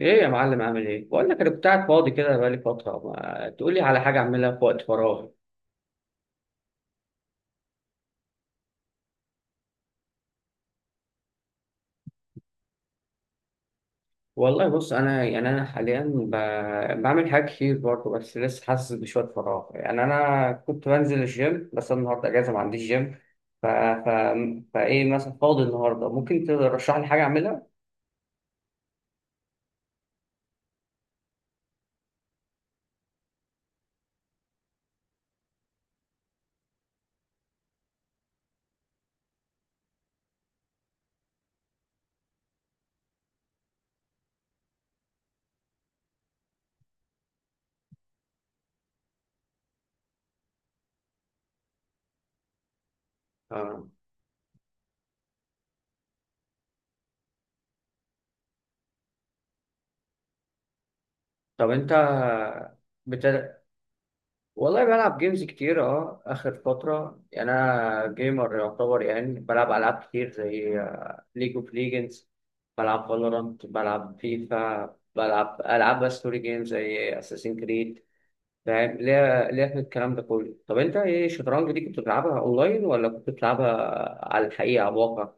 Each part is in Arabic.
ايه يا معلم عامل ايه؟ بقول لك انا كنت قاعد فاضي كده بقالي فترة، ما تقول لي على حاجة اعملها في وقت فراغي. والله بص، انا انا حاليا بعمل حاجات كتير برضه، بس لسه حاسس بشوية فراغ. يعني انا كنت بنزل الجيم، بس أنا النهارده اجازة ما عنديش جيم. ف... ف... فايه مثلا فاضي النهارده؟ ممكن ترشح لي حاجة اعملها؟ آه. طب انت بت... والله بلعب جيمز كتير اه اخر فتره. يعني انا جيمر يعتبر، يعني بلعب العاب كتير زي ليج اوف ليجندز، بلعب فالورانت، بلعب فيفا، بلعب العاب بقى ستوري جيمز زي اساسين كريد. فاهم ليه في الكلام ده كله. طب انت ايه الشطرنج دي، كنت بتلعبها اونلاين ولا كنت بتلعبها على الحقيقه، على الواقع؟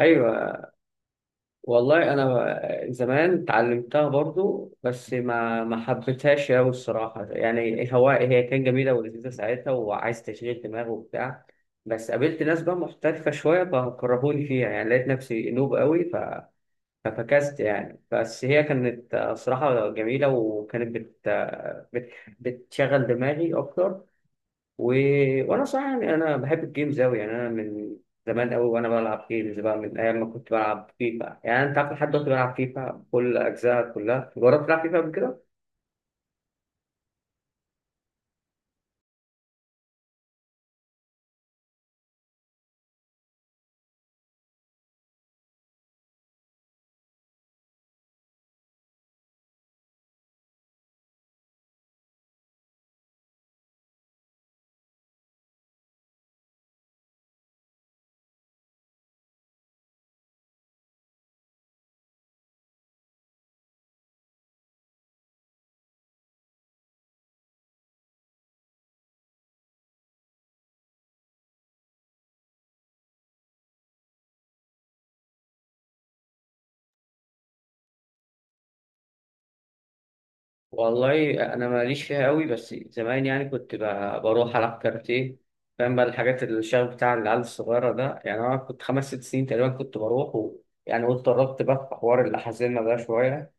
ايوه، والله انا زمان اتعلمتها برضو، بس ما حبيتهاش قوي الصراحه. يعني هي كانت جميله ولذيذه ساعتها، وعايز تشغيل دماغ وبتاع، بس قابلت ناس بقى محترفه شويه فكرهوني فيها، يعني لقيت نفسي نوب قوي. ففكست يعني. بس هي كانت صراحه جميله، وكانت بتشغل دماغي اكتر. و... وانا صراحه يعني انا بحب الجيمز قوي. يعني انا من زمان قوي وانا بلعب جيمز بقى، من ايام ما كنت بلعب فيفا، يعني انت عارف لحد دلوقتي بلعب فيفا كل اجزاء كلها. جربت تلعب فيفا قبل كده؟ والله انا ماليش فيها قوي، بس زمان يعني كنت بروح العب كارتيه. فاهم بقى الحاجات الشغف بتاع العيال الصغيره ده. يعني انا كنت خمس ست سنين تقريبا كنت بروح يعني قلت قربت بقى في حوار الحزام ده شويه،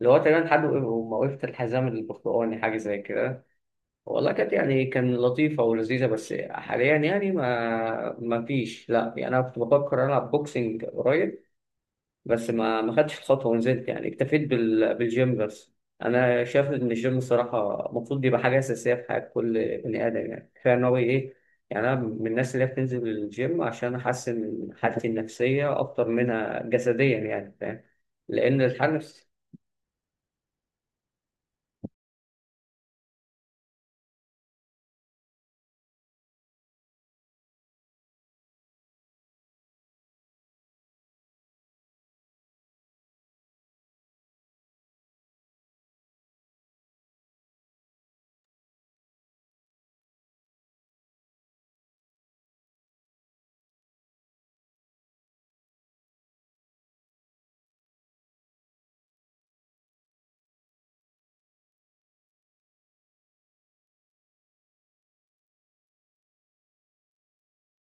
اللي هو تقريبا لحد ما وقفت الحزام البرتقاني حاجه زي كده. والله كانت يعني كان لطيفة ولذيذة، بس حاليا يعني ما فيش. لا يعني أنا كنت بفكر ألعب بوكسنج قريب، بس ما خدتش الخطوة ونزلت، يعني اكتفيت بالجيم بس. أنا شايف إن الجيم الصراحة المفروض يبقى حاجة أساسية في حياة كل بني آدم. يعني كفاية إن هو إيه، يعني أنا من الناس اللي هي بتنزل الجيم عشان أحسن حالتي النفسية أكتر منها جسديا. يعني فاهم، لأن الحال النفسي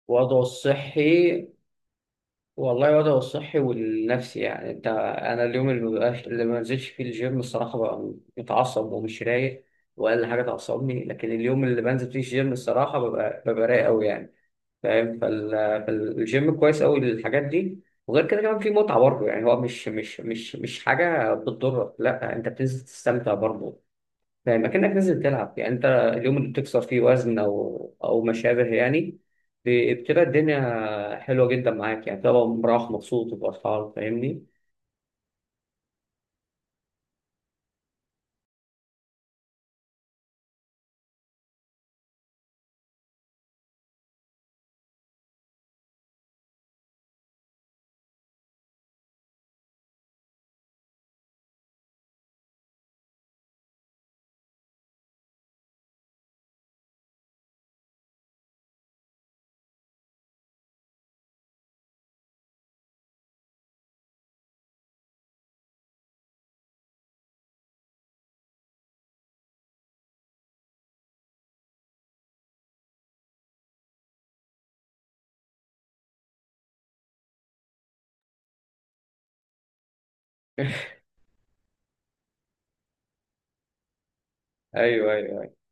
وضعه الصحي. والله وضعه الصحي والنفسي. يعني انت انا اليوم اللي مبقاش، اللي ما نزلش فيه الجيم، الصراحه ببقى متعصب ومش رايق، واقل حاجه تعصبني. لكن اليوم اللي بنزل فيه الجيم الصراحه ببقى رايق قوي يعني. فاهم. فالجيم كويس قوي للحاجات دي. وغير كده كمان في متعه برضه، يعني هو مش حاجه بتضرك، لا انت بتنزل تستمتع برضه. فاهم، اكنك نازل تلعب. يعني انت اليوم اللي بتكسر فيه وزن او او ما شابه، يعني بتبقى الدنيا حلوه جدا معاك، يعني بتبقى مروح مبسوط وفرحان. فاهمني؟ ايوه ايوه ايوه.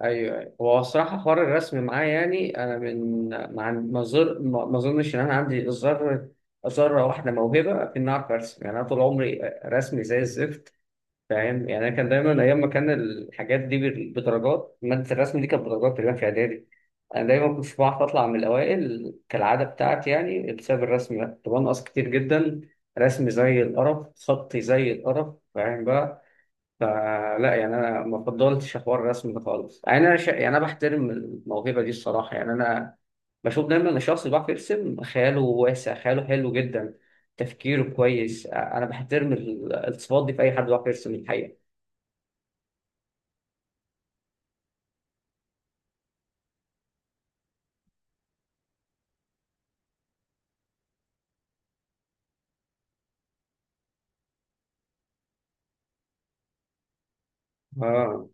ايوه أيوة. هو الصراحه حوار الرسم معايا، يعني انا من ما عن- ما زر- ما ما اظنش ان انا عندي ذره، ذره واحده موهبه في اني اعرف ارسم. يعني انا طول عمري رسمي زي الزفت. فاهم يعني. انا كان دايما ايام ما كان الحاجات دي بدرجات، ماده الرسم دي كانت بدرجات تقريبا في اعدادي. انا دايما كنت بعرف اطلع من الاوائل كالعاده بتاعتي، يعني بسبب الرسم ده كنت بنقص كتير جدا. رسم زي القرف، خطي زي القرف، فاهم بقى. فلا يعني انا ما فضلتش حوار الرسم ده خالص. يعني انا يعني انا بحترم الموهبه دي الصراحه. يعني انا بشوف دايما ان الشخص اللي بيعرف يرسم خياله واسع، خياله حلو جدا، تفكيره كويس. انا بحترم الصفات دي في اي حد بيعرف يرسم الحقيقه. اه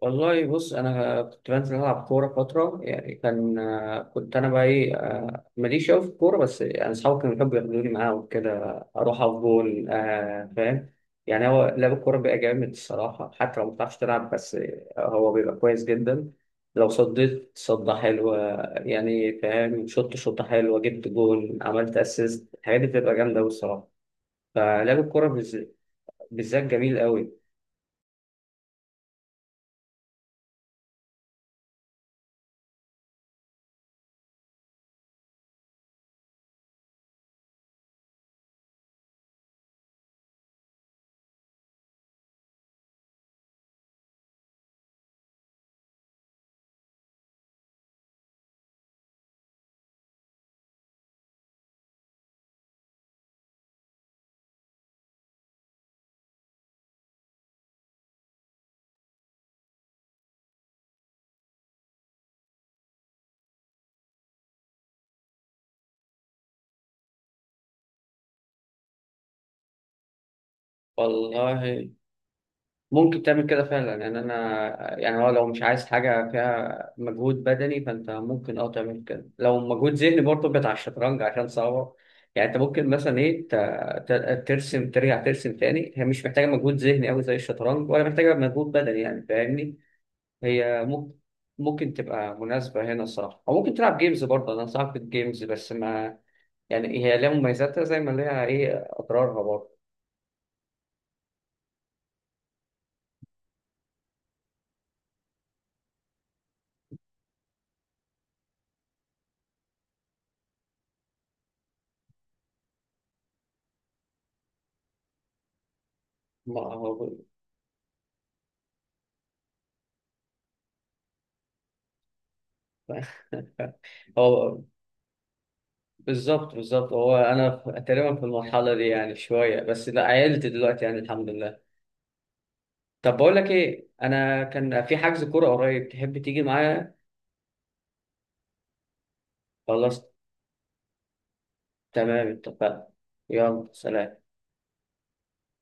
والله بص، انا كنت بنزل العب كوره فتره. يعني كان كنت انا بقى ايه، ماليش قوي في الكوره، بس انا اصحابي كانوا بيحبوا ياخدوني معاهم وكده اروح اقف جول. آه فاهم. يعني هو لعب الكوره بيبقى جامد الصراحه، حتى لو ما بتعرفش تلعب، بس هو بيبقى كويس جدا. لو صديت صدة حلوة يعني، فاهم، شوط شوطة حلوة، جبت جول، عملت اسيست، الحاجات دي بتبقى جامدة أوي الصراحة. فلعب الكوره بالذات جميل قوي. والله ممكن تعمل كده فعلا يعني. انا يعني هو لو مش عايز حاجه فيها مجهود بدني، فانت ممكن اه تعمل كده. لو مجهود ذهني برضه بتاع الشطرنج عشان صعبه، يعني انت ممكن مثلا ايه ترسم، ترجع ترسم تاني. هي مش محتاجه مجهود ذهني قوي زي الشطرنج، ولا محتاجه مجهود بدني، يعني فاهمني. هي ممكن ممكن تبقى مناسبه هنا الصراحه. او ممكن تلعب جيمز برضه، انا صعب في الجيمز بس ما، يعني هي لها مميزاتها زي ما لها ايه اضرارها برضه. ما هو، هو بالظبط بالظبط. هو انا تقريبا في المرحله دي يعني شويه، بس لا عيلت دلوقتي يعني الحمد لله. طب بقول لك ايه، انا كان في حجز كوره قريب، تحب تيجي معايا؟ خلاص، تمام، اتفقنا. يلا سلام.